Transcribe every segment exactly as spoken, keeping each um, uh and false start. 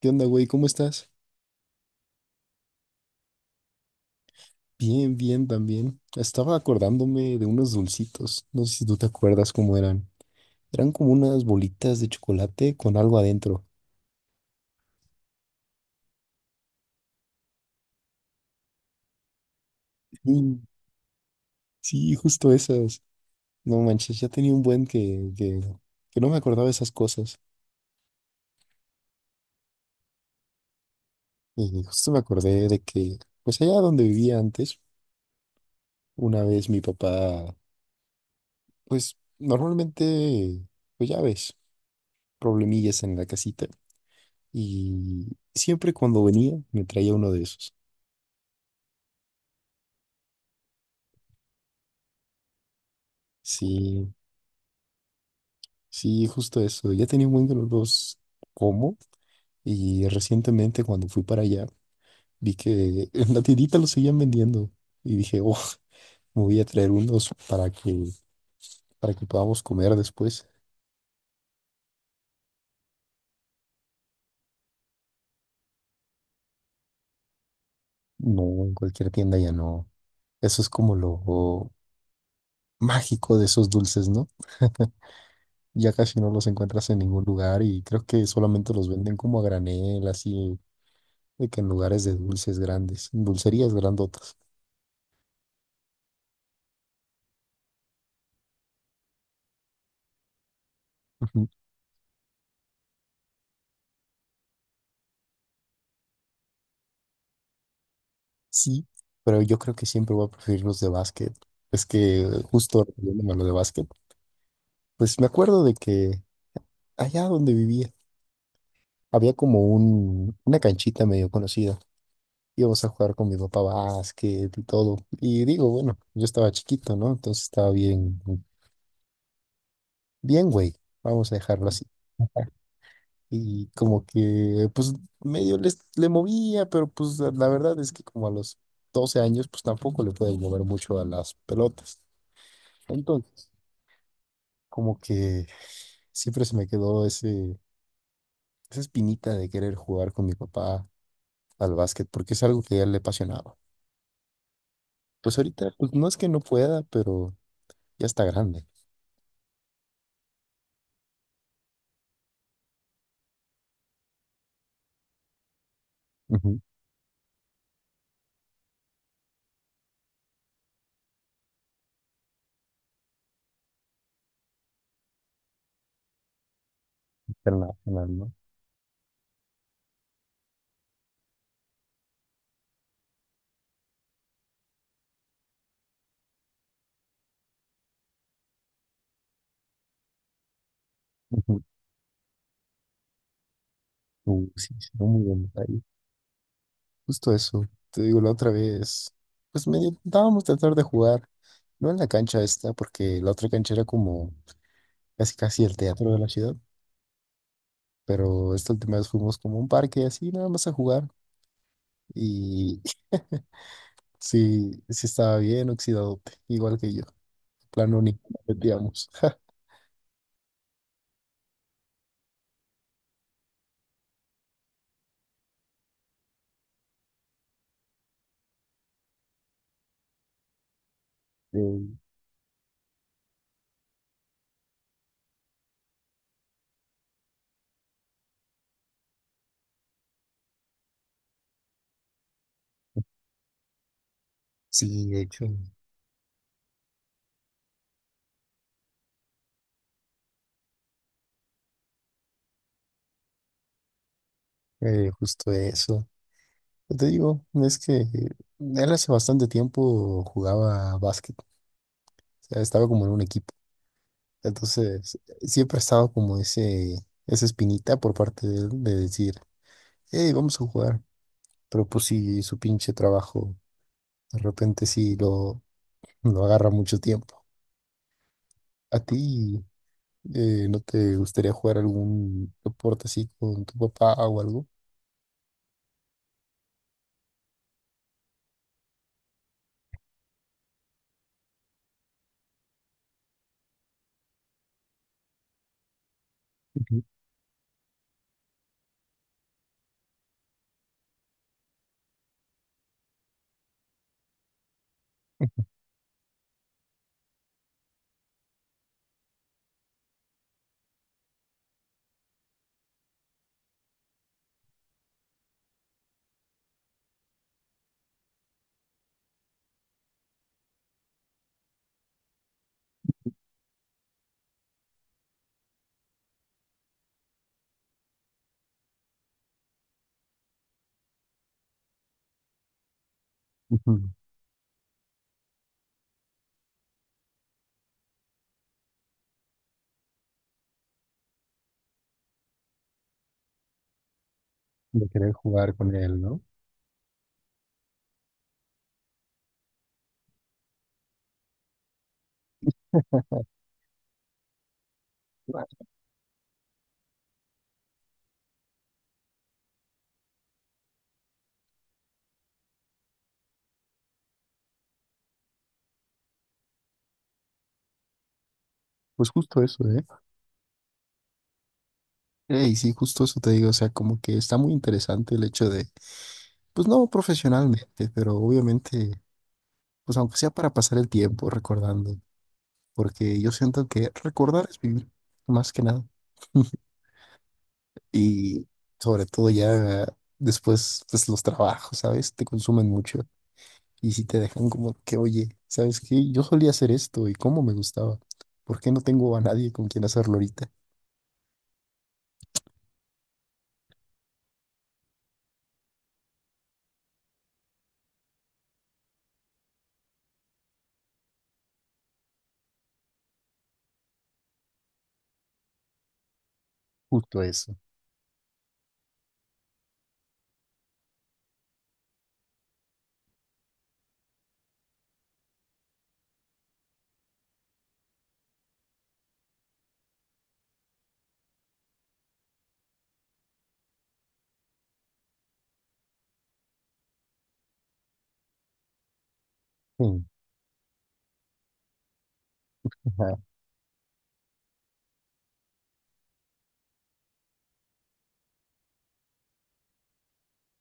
¿Qué onda, güey? ¿Cómo estás? Bien, bien, también. Estaba acordándome de unos dulcitos. No sé si tú te acuerdas cómo eran. Eran como unas bolitas de chocolate con algo adentro. Sí, sí, justo esas. No manches, ya tenía un buen que, que, que no me acordaba de esas cosas. Y justo me acordé de que, pues allá donde vivía antes, una vez mi papá, pues normalmente, pues ya ves, problemillas en la casita. Y siempre cuando venía me traía uno de esos. Sí, sí, justo eso. Ya tenía un buen que no los como y recientemente cuando fui para allá vi que en la tiendita los seguían vendiendo y dije, oh, me voy a traer unos para que, para que podamos comer después. No, en cualquier tienda ya no. Eso es como lo mágico de esos dulces, ¿no? Ya casi no los encuentras en ningún lugar y creo que solamente los venden como a granel, así, de que en lugares de dulces grandes, dulcerías grandotas. Ujú. Sí, pero yo creo que siempre voy a preferir los de básquet. Es que justo refiriéndome a lo de básquet, pues me acuerdo de que allá donde vivía había como un, una canchita medio conocida. Íbamos a jugar con mi papá básquet y todo. Y digo, bueno, yo estaba chiquito, ¿no? Entonces estaba bien, bien, güey. Vamos a dejarlo así. Y como que, pues medio les, le movía, pero pues la la verdad es que como a los doce años, pues tampoco le puedes mover mucho a las pelotas. Entonces, como que siempre se me quedó ese, esa espinita de querer jugar con mi papá al básquet, porque es algo que a él le apasionaba. Pues ahorita, pues no es que no pueda, pero ya está grande. Ujú, Internacional, ¿no? Ujú, uh, sí, sí, no, muy buen detalle. Justo eso. Te digo, la otra vez, pues medio intentábamos tratar de jugar, no en la cancha esta, porque la otra cancha era como casi casi el teatro de la ciudad, pero esta última vez fuimos como a un parque así, nada más a jugar. Y sí, sí estaba bien oxidadote, igual que yo. De plano ni nos metíamos. Eh, sí, de hecho, eh, justo eso. Yo te digo, es que eh, él hace bastante tiempo jugaba básquet. O sea, estaba como en un equipo. Entonces, siempre ha estado como ese, esa espinita por parte de él de decir, hey, vamos a jugar. Pero pues sí, su pinche trabajo, de repente sí lo, lo agarra mucho tiempo. ¿A ti? Eh, ¿no te gustaría jugar algún deporte así con tu papá o algo? Ujú, ujú. De querer jugar con él, ¿no? Vale. Pues justo eso, ¿eh? Ey, sí, justo eso te digo, o sea, como que está muy interesante el hecho de, pues no profesionalmente, pero obviamente, pues aunque sea para pasar el tiempo recordando, porque yo siento que recordar es vivir, más que nada, y sobre todo ya después, pues los trabajos, ¿sabes? Te consumen mucho. Y si te dejan como que, oye, ¿sabes qué? Yo solía hacer esto y cómo me gustaba. ¿Por qué no tengo a nadie con quien hacerlo ahorita? Justo eso. Sí, ajá,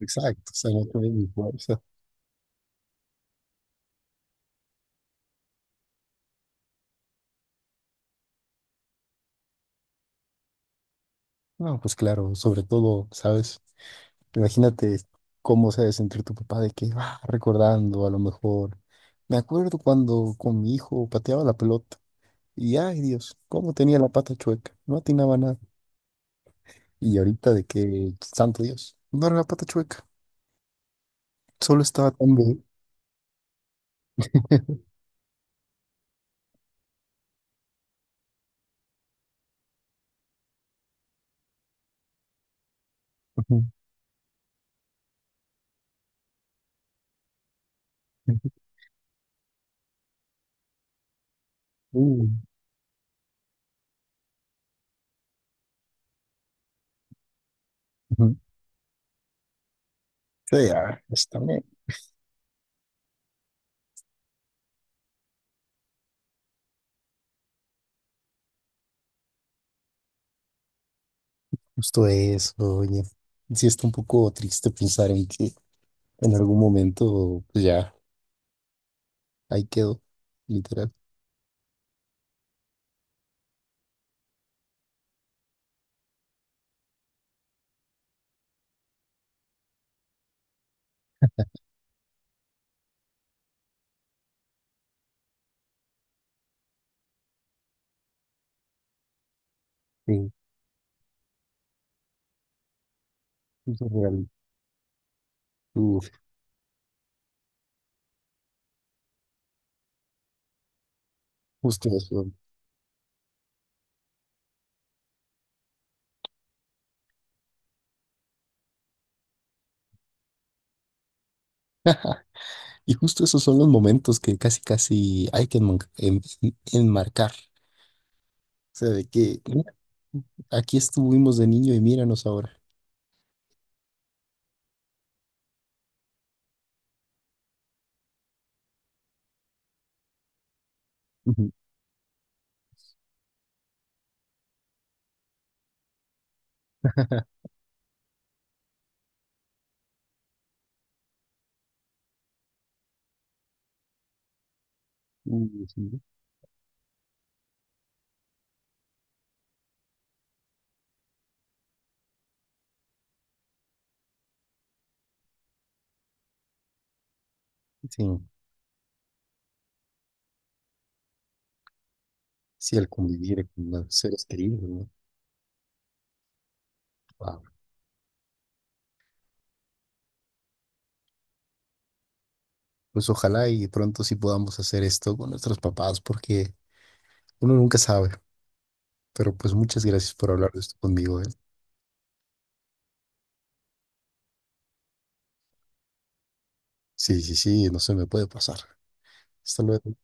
exacto. O sea, no tuve mi fuerza. No, pues claro, sobre todo, ¿sabes? Imagínate cómo se ha de sentir tu papá de que va recordando a lo mejor. Me acuerdo cuando con mi hijo pateaba la pelota y, ay Dios, cómo tenía la pata chueca. No atinaba nada. Y ahorita de que, santo Dios, no era la pata chueca, solo estaba tan... bien. Uh, ujú. Sí, ah, es también justo eso, oye. Sí, está un poco triste pensar en que en algún momento, pues ya, ahí quedó, literal. Sí, justo real. Uf, justo eso. Y justo esos son los momentos que casi, casi hay que enman- en- en- enmarcar. O sea, de que mira, aquí estuvimos de niño y míranos ahora. Ujú. Uh, sí, sí, sí, el convivir con los seres queridos, ¿no? Pues ojalá y pronto sí podamos hacer esto con nuestros papás, porque uno nunca sabe. Pero pues muchas gracias por hablar de esto conmigo, ¿eh? Sí, sí, sí, no se me puede pasar. Hasta luego.